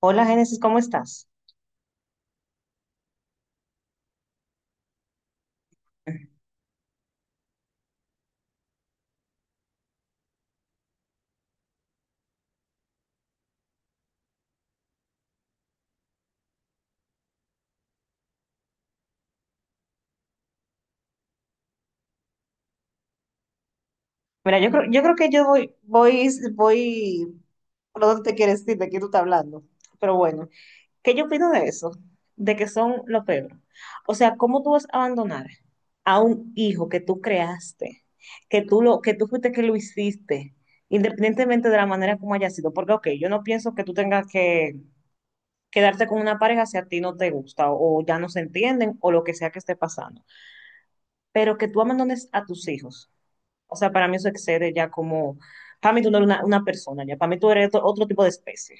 Hola Génesis, ¿cómo estás? Mira, yo creo que yo voy por dónde te quieres ir, de qué tú estás hablando. Pero bueno, ¿qué yo opino de eso? De que son lo peor. O sea, ¿cómo tú vas a abandonar a un hijo que tú creaste, que tú fuiste que lo hiciste, independientemente de la manera como haya sido? Porque, ok, yo no pienso que tú tengas que quedarte con una pareja si a ti no te gusta o ya no se entienden o lo que sea que esté pasando. Pero que tú abandones a tus hijos. O sea, para mí eso excede ya como, para mí tú no eres una persona, ya para mí tú eres otro tipo de especie.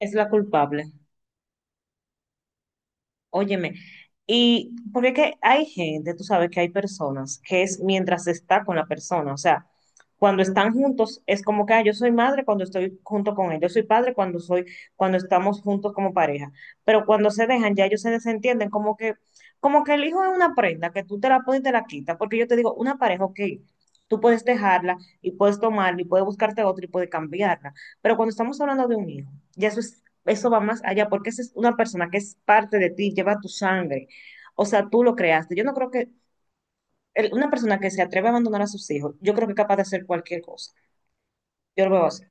Es la culpable. Óyeme, y porque es que hay gente, tú sabes que hay personas que es mientras está con la persona, o sea, cuando están juntos es como que ah, yo soy madre cuando estoy junto con él, yo soy padre cuando soy, cuando estamos juntos como pareja, pero cuando se dejan ya ellos se desentienden como que el hijo es una prenda que tú te la pones y te la quitas, porque yo te digo, una pareja, ok, tú puedes dejarla y puedes tomarla y puedes buscarte otra y puedes cambiarla, pero cuando estamos hablando de un hijo, ya eso es, eso va más allá, porque esa es una persona que es parte de ti, lleva tu sangre. O sea, tú lo creaste. Yo no creo que una persona que se atreve a abandonar a sus hijos, yo creo que es capaz de hacer cualquier cosa. Yo lo veo así.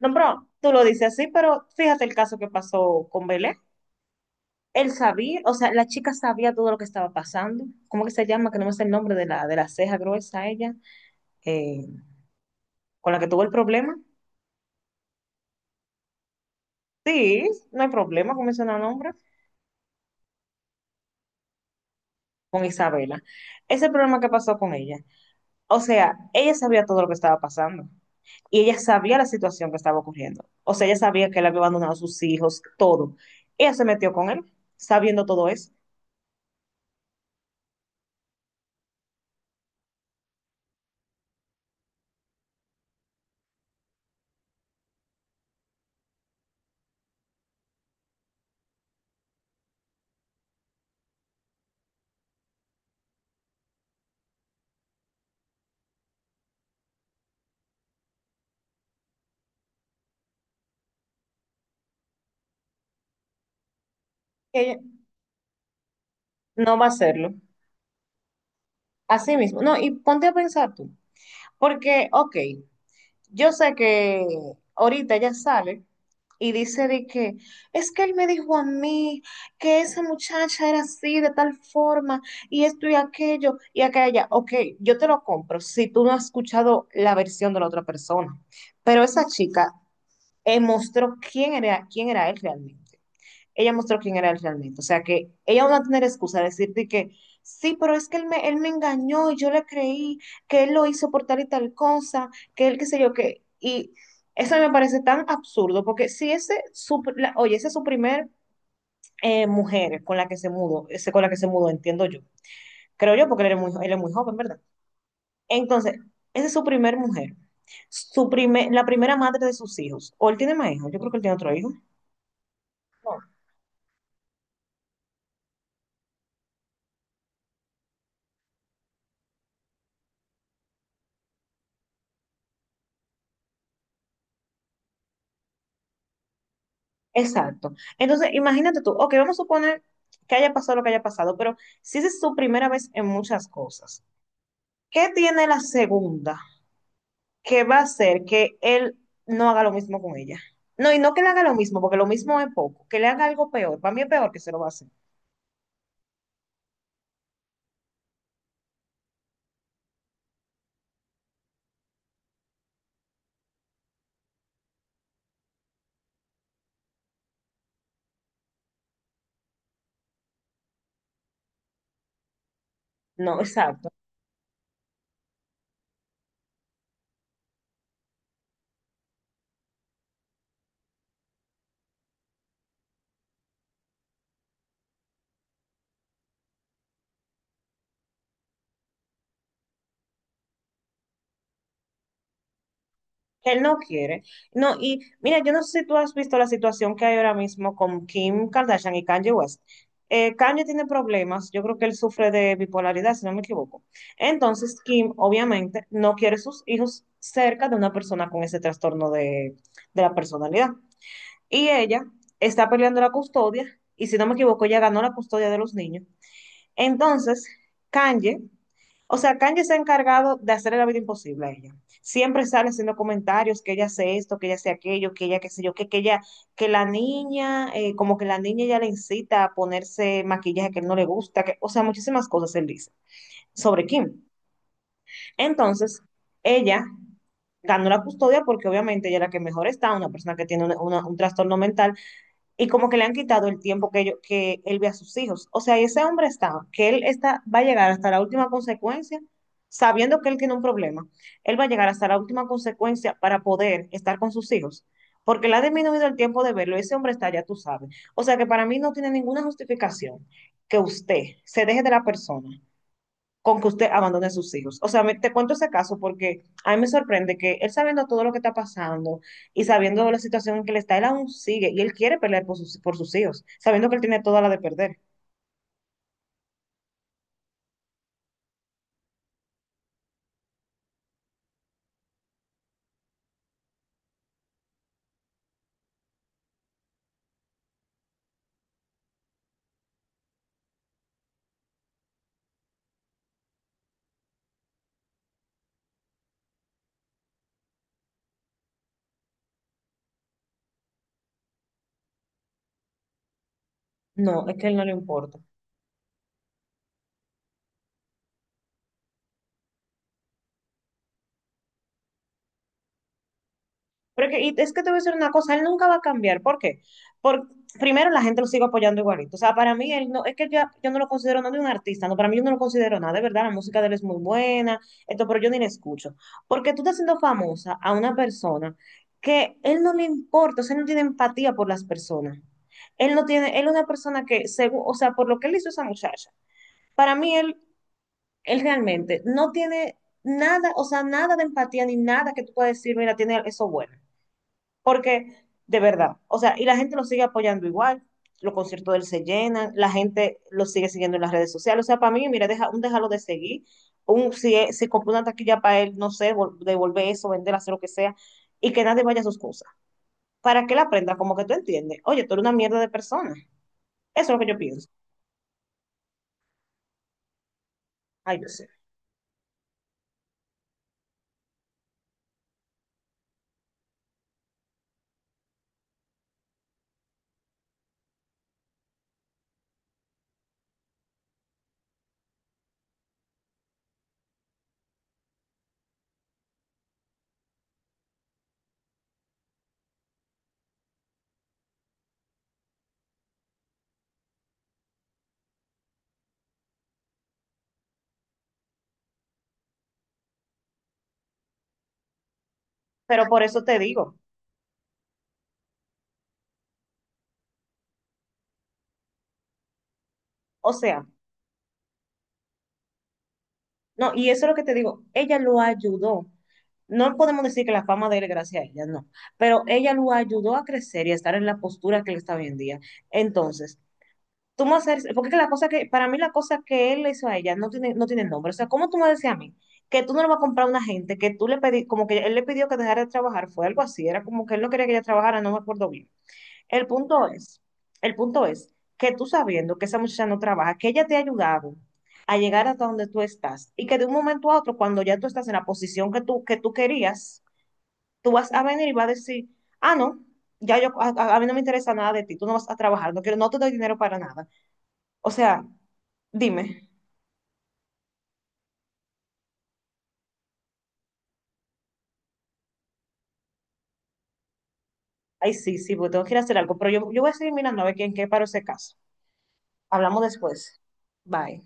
No, pero tú lo dices así, pero fíjate el caso que pasó con Belén. Él sabía, o sea, la chica sabía todo lo que estaba pasando. ¿Cómo que se llama? Que no me sé el nombre de la ceja gruesa ella, eh, con la que tuvo el problema. Sí, no hay problema con mencionar nombre, con Isabela. Ese problema que pasó con ella. O sea, ella sabía todo lo que estaba pasando y ella sabía la situación que estaba ocurriendo. O sea, ella sabía que él había abandonado a sus hijos, todo. Ella se metió con él, sabiendo todo eso. Ella no va a hacerlo. Así mismo. No, y ponte a pensar tú. Porque, ok, yo sé que ahorita ella sale y dice de que es que él me dijo a mí que esa muchacha era así, de tal forma, y esto y aquello, y aquella. Ok, yo te lo compro si tú no has escuchado la versión de la otra persona. Pero esa chica, mostró quién era él realmente, ella mostró quién era él realmente. O sea que ella no va a tener excusa de decirte que sí, pero es que él me engañó y yo le creí que él lo hizo por tal y tal cosa, que él qué sé yo qué. Y eso me parece tan absurdo porque si oye, ese es su primer mujer con la que se mudó, ese con la que se mudó, entiendo yo. Creo yo porque él es muy joven, ¿verdad? Entonces, esa es su primer mujer. Su primer, la primera madre de sus hijos. ¿O él tiene más hijos? Yo creo que él tiene otro hijo. No. Exacto. Entonces, imagínate tú, ok, vamos a suponer que haya pasado lo que haya pasado, pero si esa es su primera vez en muchas cosas, ¿qué tiene la segunda que va a hacer que él no haga lo mismo con ella? No, y no que le haga lo mismo, porque lo mismo es poco, que le haga algo peor, para mí es peor que se lo va a hacer. No, exacto. Que él no quiere. No, y mira, yo no sé si tú has visto la situación que hay ahora mismo con Kim Kardashian y Kanye West. Kanye tiene problemas, yo creo que él sufre de bipolaridad, si no me equivoco. Entonces, Kim obviamente no quiere sus hijos cerca de una persona con ese trastorno de la personalidad. Y ella está peleando la custodia, y si no me equivoco, ella ganó la custodia de los niños. Entonces, Kanye, o sea, Kanye se ha encargado de hacerle la vida imposible a ella. Siempre sale haciendo comentarios que ella hace esto, que ella hace aquello, que ella qué sé yo, que ella, que la niña, como que la niña ya le incita a ponerse maquillaje que no le gusta, que, o sea, muchísimas cosas él dice sobre Kim. Entonces, ella ganó la custodia porque obviamente ella es la que mejor está, una persona que tiene un trastorno mental y como que le han quitado el tiempo que él ve a sus hijos. O sea, ese hombre está, que él está, va a llegar hasta la última consecuencia, sabiendo que él tiene un problema, él va a llegar hasta la última consecuencia para poder estar con sus hijos, porque le ha disminuido el tiempo de verlo, ese hombre está, ya tú sabes. O sea que para mí no tiene ninguna justificación que usted se deje de la persona con que usted abandone a sus hijos. O sea, te cuento ese caso porque a mí me sorprende que él sabiendo todo lo que está pasando y sabiendo la situación en que él está, él aún sigue y él quiere pelear por por sus hijos, sabiendo que él tiene toda la de perder. No, es que a él no le importa. Y es que te voy a decir una cosa, él nunca va a cambiar. ¿Por qué? Por, primero, la gente lo sigue apoyando igualito. O sea, para mí, él no, es que ya, yo no lo considero nada de un artista, no, para mí yo no lo considero nada. De verdad, la música de él es muy buena, esto, pero yo ni la escucho. Porque tú estás haciendo famosa a una persona que él no le importa, o sea, él no tiene empatía por las personas. Él no tiene, él es una persona que, según, o sea, por lo que él hizo a esa muchacha, para mí él, él realmente no tiene nada, o sea, nada de empatía ni nada que tú puedas decir, mira, tiene eso bueno. Porque, de verdad, o sea, y la gente lo sigue apoyando igual, los conciertos de él se llenan, la gente lo sigue siguiendo en las redes sociales. O sea, para mí, mira, deja, un déjalo de seguir, un, si, se si compró una taquilla para él, no sé, devolver eso, vender, hacer lo que sea, y que nadie vaya a sus cosas. Para que él aprenda, como que tú entiendes, oye, tú eres una mierda de persona. Eso es lo que yo pienso. Ay, yo sé. Pero por eso te digo, o sea, no, y eso es lo que te digo, ella lo ayudó. No podemos decir que la fama de él es gracias a ella, no, pero ella lo ayudó a crecer y a estar en la postura que él está hoy en día. Entonces, tú me haces, porque es que para mí la cosa que él le hizo a ella no tiene, no tiene nombre. O sea, ¿cómo tú me decías a mí que tú no le vas a comprar a una gente que tú le pedí, como que él le pidió que dejara de trabajar, fue algo así, era como que él no quería que ella trabajara, no me acuerdo bien. El punto es, el punto es que tú sabiendo que esa muchacha no trabaja, que ella te ha ayudado a llegar hasta donde tú estás y que de un momento a otro, cuando ya tú estás en la posición que tú querías, tú vas a venir y vas a decir, ah, no, ya yo, a mí no me interesa nada de ti, tú no vas a trabajar, no quiero, no te doy dinero para nada. O sea, dime, ay, sí, sí, pues tengo que ir a hacer algo, pero yo voy a seguir mirando a ver quién qué paro ese caso. Hablamos después. Bye.